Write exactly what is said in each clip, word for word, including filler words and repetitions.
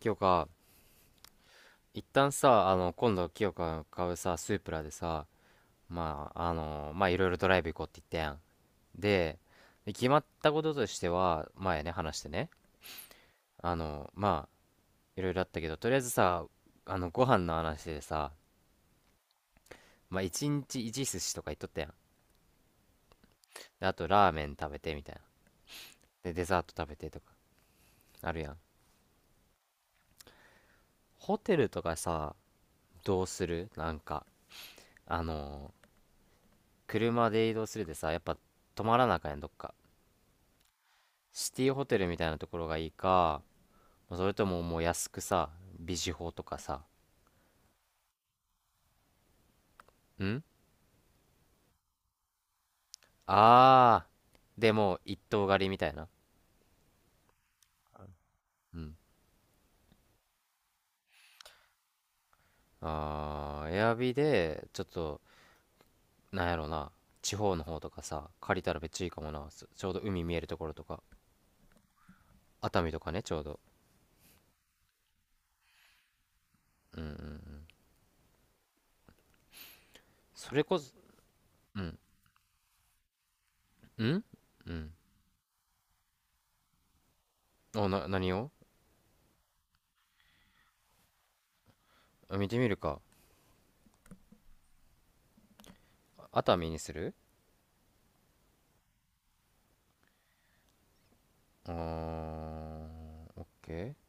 清香、一旦さ、あの、今度清香が買うさ、スープラでさ、まあ、あの、まあ、いろいろドライブ行こうって言ったやん。で、決まったこととしては、前ね、話してね、あの、まあ、いろいろあったけど、とりあえずさ、あの、ご飯の話でさ、まあ、一日一寿司とか言っとったやん。で、あと、ラーメン食べてみたいな。で、デザート食べてとか、あるやん。ホテルとかさ、どうするなんか、あの、車で移動するでさ、やっぱ、泊まらなあかんやん、どっか。シティホテルみたいなところがいいか、それとももう安くさ、ビジホとかさ、んあー、でもう一棟借りみたいな。うん。あー、エアビで、ちょっと、なんやろな、地方の方とかさ、借りたらめっちゃいいかもな。そちょうど海見えるところとか、熱海とかね、ちょうど。それこそ。うん。んうん。お、な、何を。あ、見てみるか。熱海にする？あー、オッケー。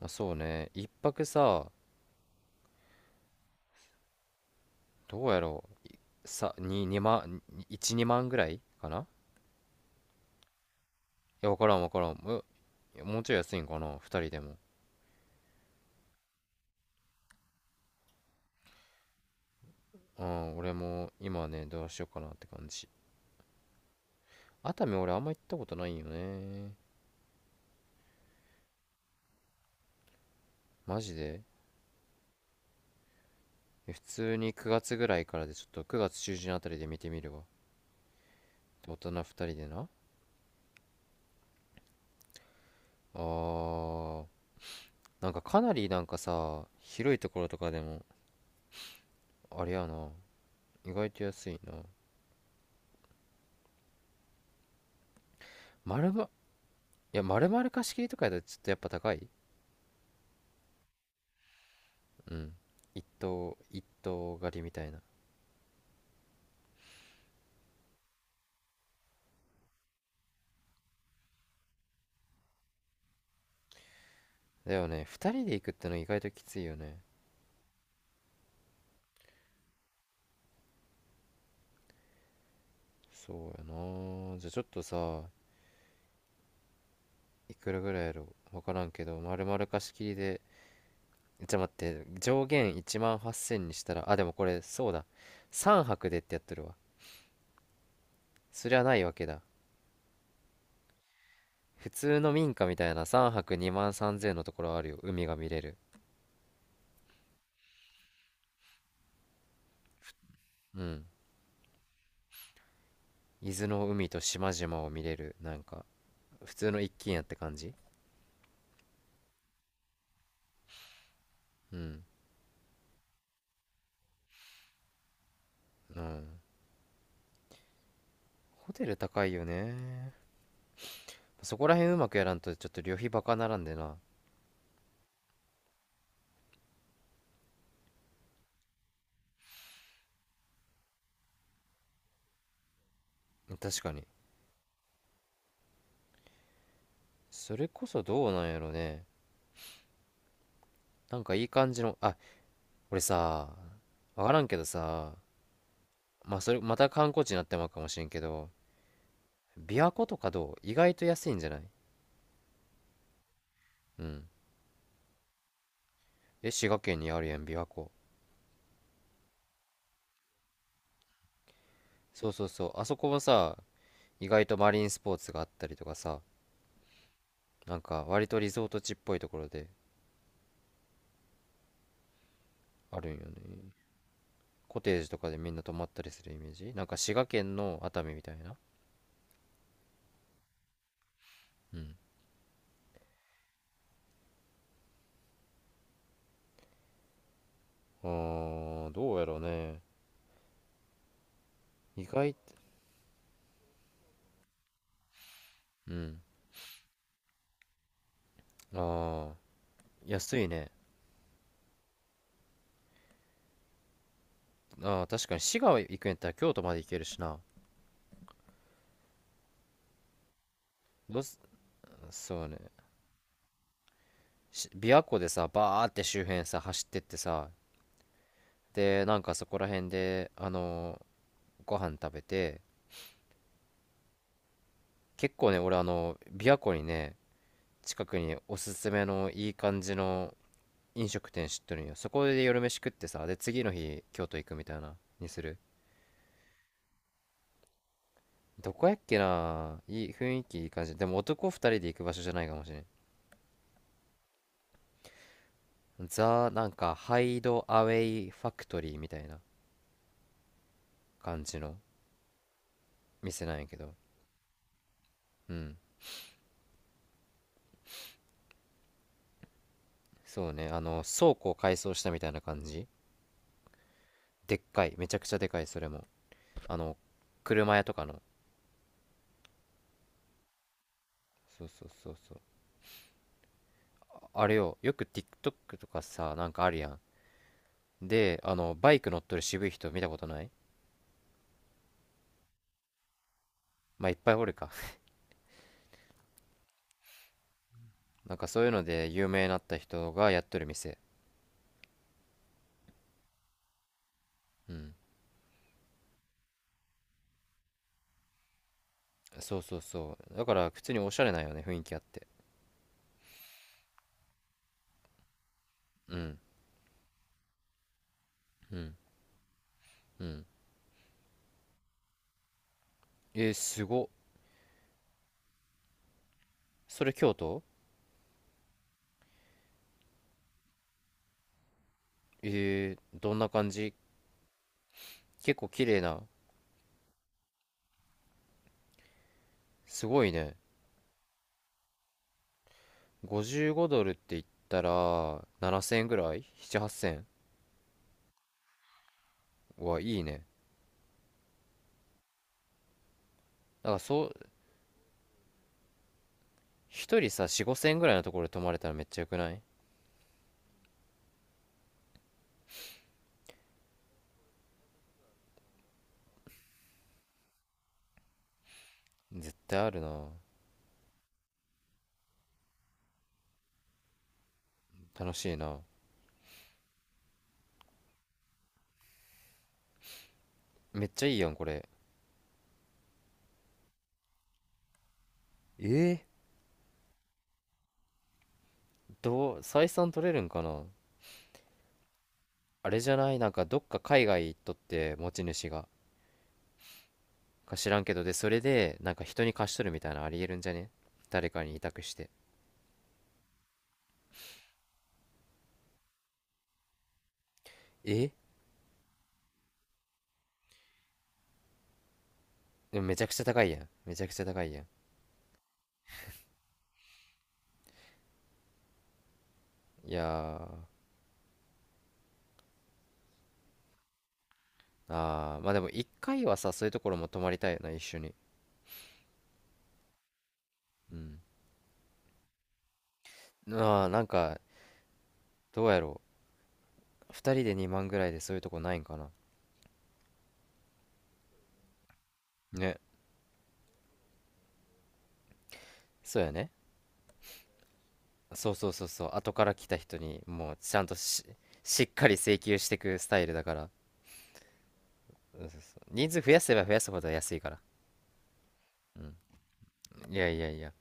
まあ、そうね、一泊さ、どうやろさ、に、にまん、いち、にまんぐらいかな？いや、わからんわからん。え、もうちょい安いんかな ?ふたり 人でも。うん、俺も今ね、どうしようかなって感じ。熱海俺あんま行ったことないよね。マジで？え普通にくがつぐらいからでちょっとくがつ中旬あたりで見てみるわ。大人ふたりでな。あー、なんかかなりなんかさ、広いところとかでも、あれやな。意外と安いな。丸ま、いや、丸々貸し切りとかやったらちょっとやっぱ高い。うん。一頭一頭狩りみたいな。だよね、二人で行くっての意外ときついよね。そうやな、じゃあちょっとさ、いくらぐらいやろ、分からんけど、丸々貸し切りで。じゃと待って、上限いちまんはっせんにしたら、あ、でもこれそうだ、三泊でってやってるわ。そりゃないわけだ。普通の民家みたいな三泊にまんさんぜんのところあるよ。海が見れる。うん。伊豆の海と島々を見れる、なんか普通の一軒家って感じ。うん。うん。ホテル高いよね。そこら辺うまくやらんとちょっと旅費バカならんでな。確かに。それこそどうなんやろね。なんかいい感じの、あ、俺さ、わからんけどさ、まあそれまた観光地になってまうかもしれんけど、琵琶湖とかどう？意外と安いんじゃない？うん。え、滋賀県にあるやん、琵琶湖。そうそうそう。あそこもさ、意外とマリンスポーツがあったりとかさ、なんか割とリゾート地っぽいところであるんよね。コテージとかでみんな泊まったりするイメージ、なんか滋賀県の熱海みたいな。うん。あー、どうやろうね、意外と。うん。あー、安いね。あー、確かに滋賀行くんやったら京都まで行けるしな。どうすそうね、し琵琶湖でさ、バーって周辺さ走ってってさ、で、なんかそこら辺であのーご飯食べて、結構ね、俺、あの琵琶湖にね、近くにおすすめのいい感じの飲食店知ってるんよ。そこで夜飯食ってさ、で次の日京都行くみたいな、にする？どこやっけな、いい雰囲気いい感じ。でも男ふたりで行く場所じゃないかもしれん。ザなんかハイドアウェイファクトリーみたいな感じの店なんやけど。うん。そうね、あの倉庫を改装したみたいな感じ。でっかい、めちゃくちゃでかい、それも、あの車屋とかの。そうそうそうそう。あ、あれよ、よく TikTok とかさ、なんかあるやん。で、あのバイク乗っとる渋い人見たことない？まあいっぱいおるか。 なんかそういうので有名になった人がやっとる店。うん。そうそうそう、だから普通におしゃれなんよね、雰囲気あって。うん。うん。うん。えー、すごっ。それ京都？えー、どんな感じ？結構綺麗な？すごいね。ごじゅうごドルって言ったらななせんえんぐらい ?なな、はっせん。はいいね。だからそう、一人さよん、ごせんえんぐらいのところで泊まれたらめっちゃよくない？絶対あるな。楽しいな。めっちゃいいやんこれ。えー、どう採算取れるんかな？あれじゃない、なんかどっか海外行っとって持ち主が、か知らんけど、で、それでなんか人に貸しとるみたいなのありえるんじゃね？誰かに委託して。え、でもめちゃくちゃ高いやん、めちゃくちゃ高いやん。いやー。あー、まあでも一回はさ、そういうところも泊まりたいな、一緒に。うん。あー、なんか、どうやろう、二人でにまんぐらいでそういうとこないんかな？ね。そうやね。そうそうそうそう、後から来た人にもうちゃんとし、しっかり請求してくスタイルだから、人数増やせば増やすほど安いから。うん。いやいやいや、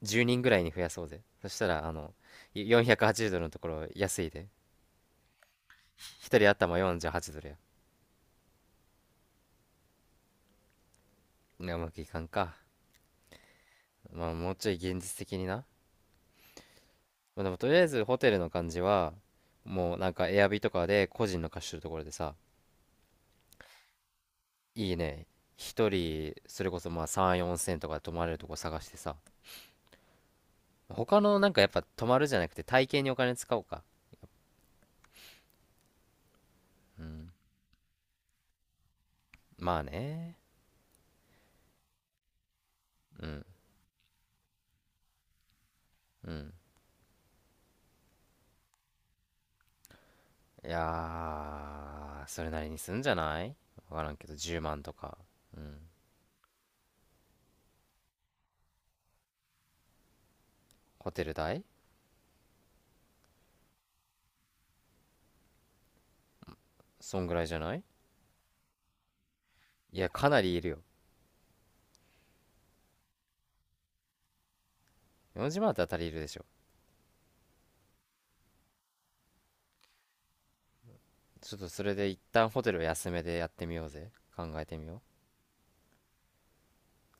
じゅうにんぐらいに増やそうぜ。そしたら、あの、よんひゃくはちじゅうドルのところ安いで。ひとり頭よんじゅうはちドルや。いや、うまくいかんか。まあ、もうちょい現実的にな。まあ、でも、とりあえずホテルの感じは、もうなんかエアビとかで個人の貸してるところでさ、いいね。一人、それこそまあさん、よんせんとかで泊まれるとこ探してさ。他のなんかやっぱ泊まるじゃなくて体型にお金使おうか。うん。まあね。うん。うん。いやー、それなりにすんじゃない？わからんけど、じゅうまんとか。ホテル代。そんぐらいじゃない？いや、かなりいるよ。よじまんだったら足りるでしょ。ちょっとそれで一旦ホテルを安めでやってみようぜ。考えてみよう。